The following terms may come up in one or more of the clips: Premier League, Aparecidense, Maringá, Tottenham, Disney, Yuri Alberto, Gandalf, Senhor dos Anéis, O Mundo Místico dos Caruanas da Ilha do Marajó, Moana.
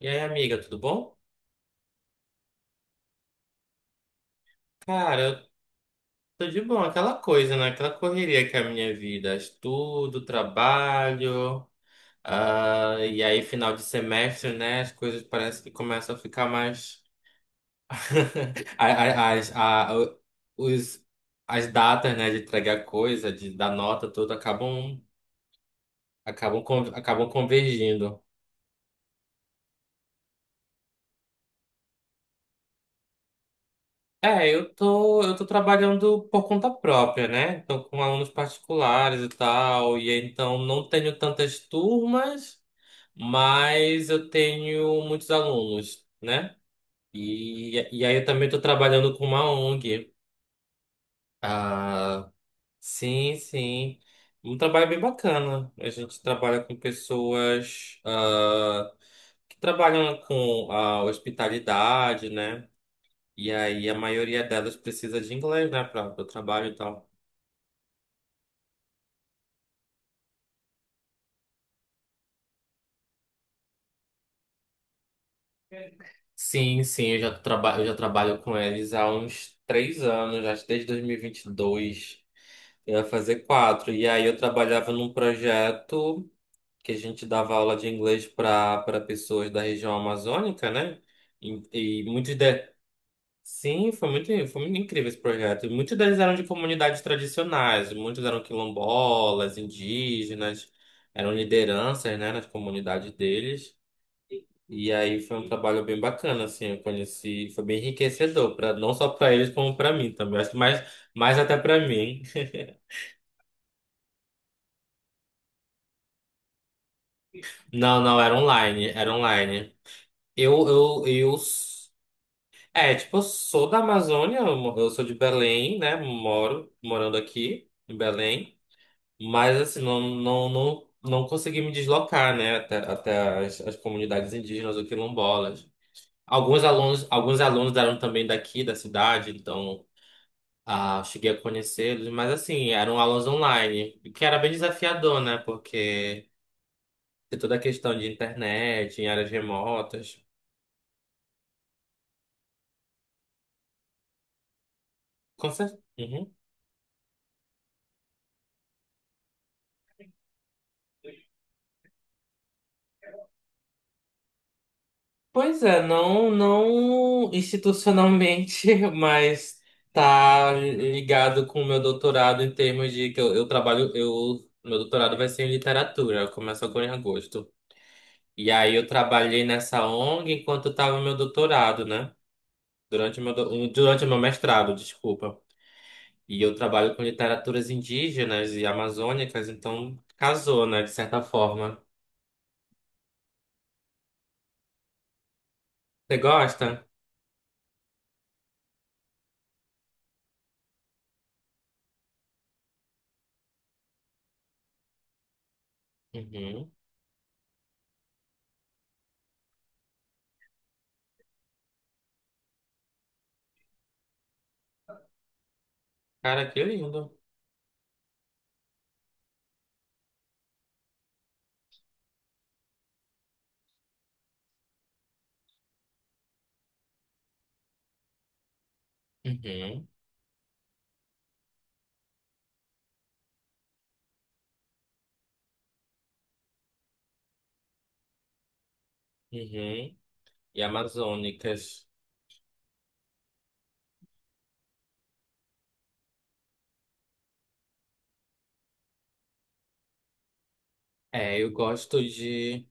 E aí, amiga, tudo bom? Cara, eu tô de bom, aquela coisa, né? Aquela correria que é a minha vida, estudo, trabalho, ah, e aí final de semestre, né? As coisas parecem que começam a ficar mais. A- a- As, a- o- os, as datas, né, de entregar coisa, de dar nota, tudo, acabam, acabam convergindo. É, eu tô trabalhando por conta própria, né? Então, com alunos particulares e tal, e então não tenho tantas turmas, mas eu tenho muitos alunos, né? E aí eu também estou trabalhando com uma ONG. Ah, sim, sim. Um trabalho bem bacana. A gente trabalha com pessoas que trabalham com a hospitalidade, né? E aí a maioria delas precisa de inglês, né, para o trabalho e tal. Sim, sim, eu já trabalho com eles há uns 3 anos, acho que desde 2022. Eu ia fazer quatro. E aí eu trabalhava num projeto que a gente dava aula de inglês para pessoas da região amazônica, né? E muitos de... Sim, foi muito incrível esse projeto. E muitos deles eram de comunidades tradicionais, muitos eram quilombolas, indígenas, eram lideranças, né, nas comunidades deles. E aí foi um trabalho bem bacana, assim, eu conheci, foi bem enriquecedor, pra, não só para eles, como para mim também. Acho que mais, mais até para mim. Não, não, era online, era online. Eu. É, tipo, eu sou da Amazônia, eu sou de Belém, né? Morando aqui em Belém. Mas, assim, não, não, não, não consegui me deslocar, né? Até as comunidades indígenas ou quilombolas. Alguns alunos eram também daqui, da cidade, então cheguei a conhecê-los. Mas, assim, eram aulas online, o que era bem desafiador, né? Porque tem toda a questão de internet, em áreas remotas. Uhum. Pois é, não, não institucionalmente, mas tá ligado com o meu doutorado em termos de que meu doutorado vai ser em literatura, começa agora em agosto. E aí eu trabalhei nessa ONG enquanto estava no meu doutorado, né? Durante o meu mestrado, desculpa. E eu trabalho com literaturas indígenas e amazônicas, então casou, né, de certa forma. Você gosta? Uhum. Cara, que lindo. Uhum. Uhum. E amazônicas. É, eu gosto de.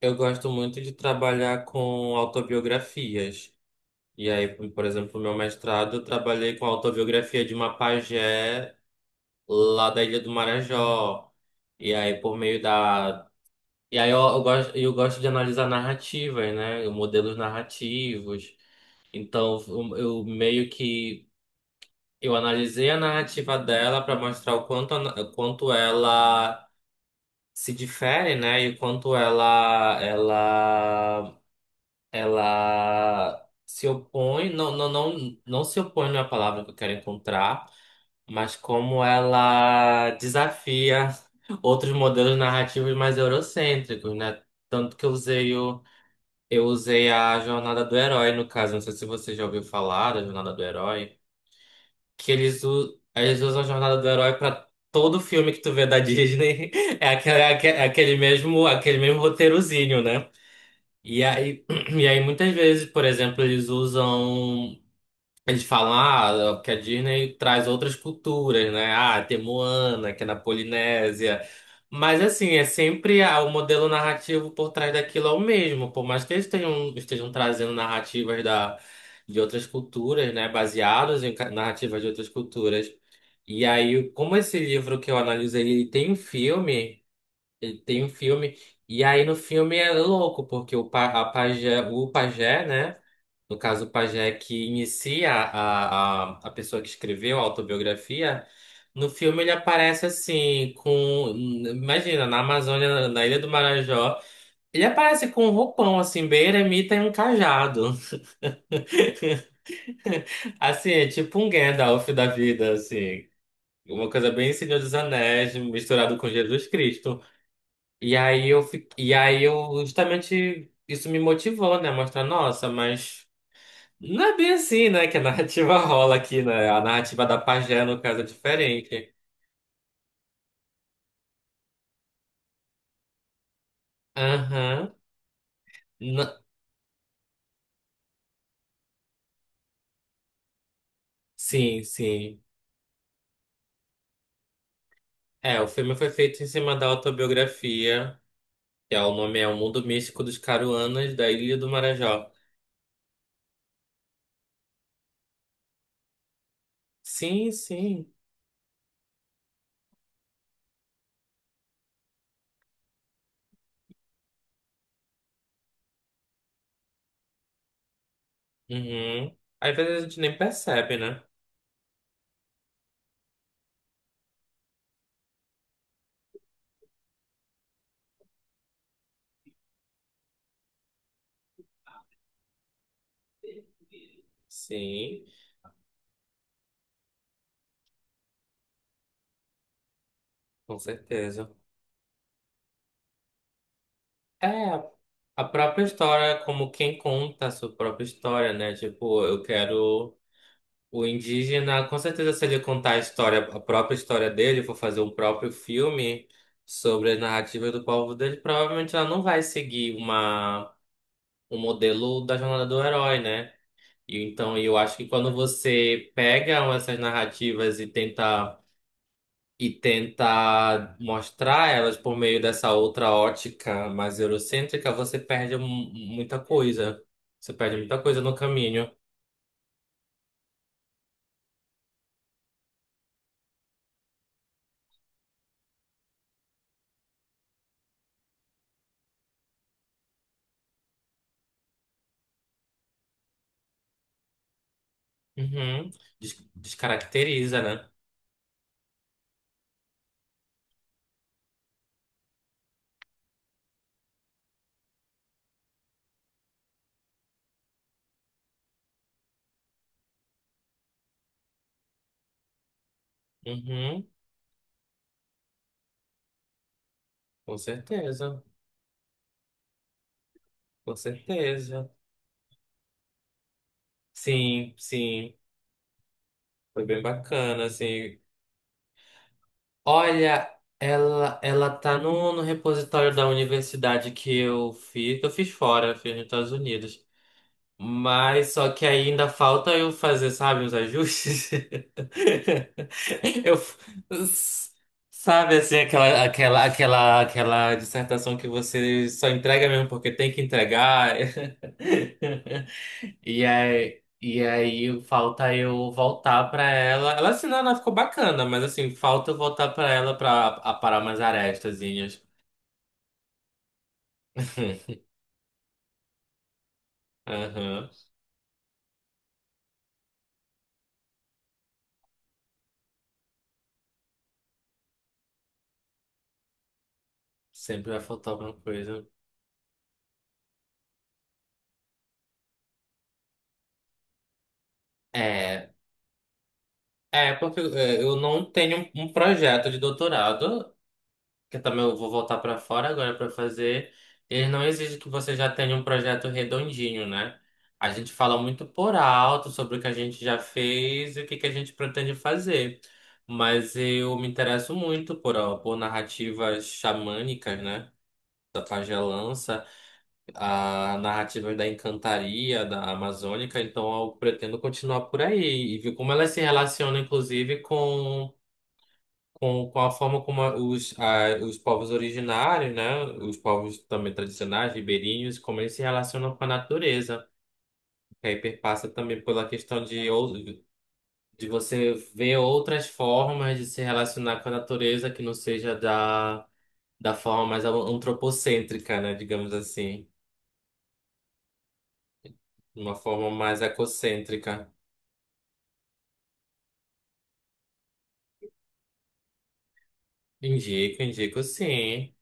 Eu gosto muito de trabalhar com autobiografias. E aí, por exemplo, no meu mestrado, eu trabalhei com a autobiografia de uma pajé lá da Ilha do Marajó. E aí, por meio da. E aí, eu gosto de analisar narrativas, né? Modelos narrativos. Então, eu meio que. Eu analisei a narrativa dela para mostrar o quanto, quanto ela. Se difere, né? E o quanto ela se opõe, não se opõe não é a palavra que eu quero encontrar, mas como ela desafia outros modelos narrativos mais eurocêntricos, né? Tanto que eu usei a jornada do herói no caso, não sei se você já ouviu falar da jornada do herói que eles usam a jornada do herói pra todo filme que tu vê da Disney. É aquele, é aque- é aquele mesmo roteirozinho, né? E aí, e aí muitas vezes, por exemplo, eles usam. Eles falam, que a Disney traz outras culturas, né? Ah, tem Moana, que é na Polinésia. Mas, assim, é sempre o modelo narrativo por trás daquilo é o mesmo. Por mais que eles tenham, estejam trazendo narrativas de outras culturas, né? Baseados em narrativas de outras culturas. E aí, como esse livro que eu analisei, ele tem um filme, e aí no filme é louco, porque o pajé, né? No caso, o pajé que inicia a pessoa que escreveu a autobiografia, no filme ele aparece assim, com. Imagina, na Amazônia, na Ilha do Marajó, ele aparece com um roupão, assim, bem eremita e um cajado. Assim, é tipo um Gandalf da vida, assim. Uma coisa bem Senhor dos Anéis, misturado com Jesus Cristo. E aí eu justamente isso me motivou, né? Mostrar, nossa, mas. Não é bem assim, né? Que a narrativa rola aqui, né? A narrativa da pajé, no caso, é diferente. Aham. Na- Sim, sim. É, o filme foi feito em cima da autobiografia, que é o nome é O Mundo Místico dos Caruanas da Ilha do Marajó. Sim, sim. Uhum. Às vezes a gente nem percebe, né? Sim, com certeza. É, a própria história, como quem conta a sua própria história, né? Tipo, eu quero. O indígena, com certeza, se ele contar a história, a própria história dele, for fazer um próprio filme sobre a narrativa do povo dele, provavelmente ela não vai seguir um modelo da jornada do herói, né? E então eu acho que quando você pega essas narrativas e tenta mostrar elas por meio dessa outra ótica mais eurocêntrica, você perde muita coisa. Você perde muita coisa no caminho. Uhum. Descaracteriza, né? Uhum. Com certeza, com certeza. Sim, sim, foi bem bacana, assim. Olha, ela tá no repositório da universidade que eu fiz, fora, eu fiz nos Estados Unidos. Mas só que ainda falta eu fazer, sabe, os ajustes. Eu, s- sabe, assim, aquela dissertação que você só entrega mesmo porque tem que entregar. E aí falta eu voltar pra ela. Ela assim, não, ela ficou bacana, mas assim, falta eu voltar pra ela pra aparar umas arestazinhas. Aham. Sempre vai faltar alguma coisa. É, eu não tenho um projeto de doutorado. Que eu também vou voltar para fora agora para fazer, ele não exige que você já tenha um projeto redondinho, né? A gente fala muito por alto sobre o que a gente já fez e o que que a gente pretende fazer. Mas eu me interesso muito por narrativas xamânicas, né? Da pagelança, a narrativas da encantaria, da amazônica. Então eu pretendo continuar por aí e ver como ela se relaciona inclusive, com com a forma como os povos originários, né, os povos também tradicionais, ribeirinhos, como eles se relacionam com a natureza. Que aí perpassa também pela questão de você ver outras formas de se relacionar com a natureza que não seja da forma mais antropocêntrica, né, digamos assim, uma forma mais ecocêntrica. Indico, indico sim.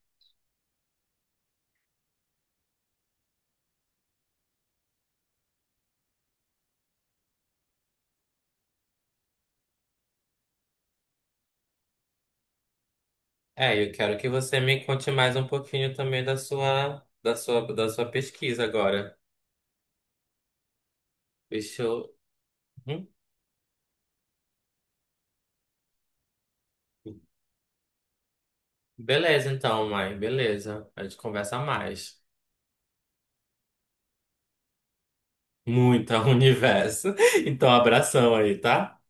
É, eu quero que você me conte mais um pouquinho também da sua pesquisa agora. Deixa eu. Hum? Beleza, então, mãe. Beleza. A gente conversa mais. Muita universo. Então, abração aí, tá?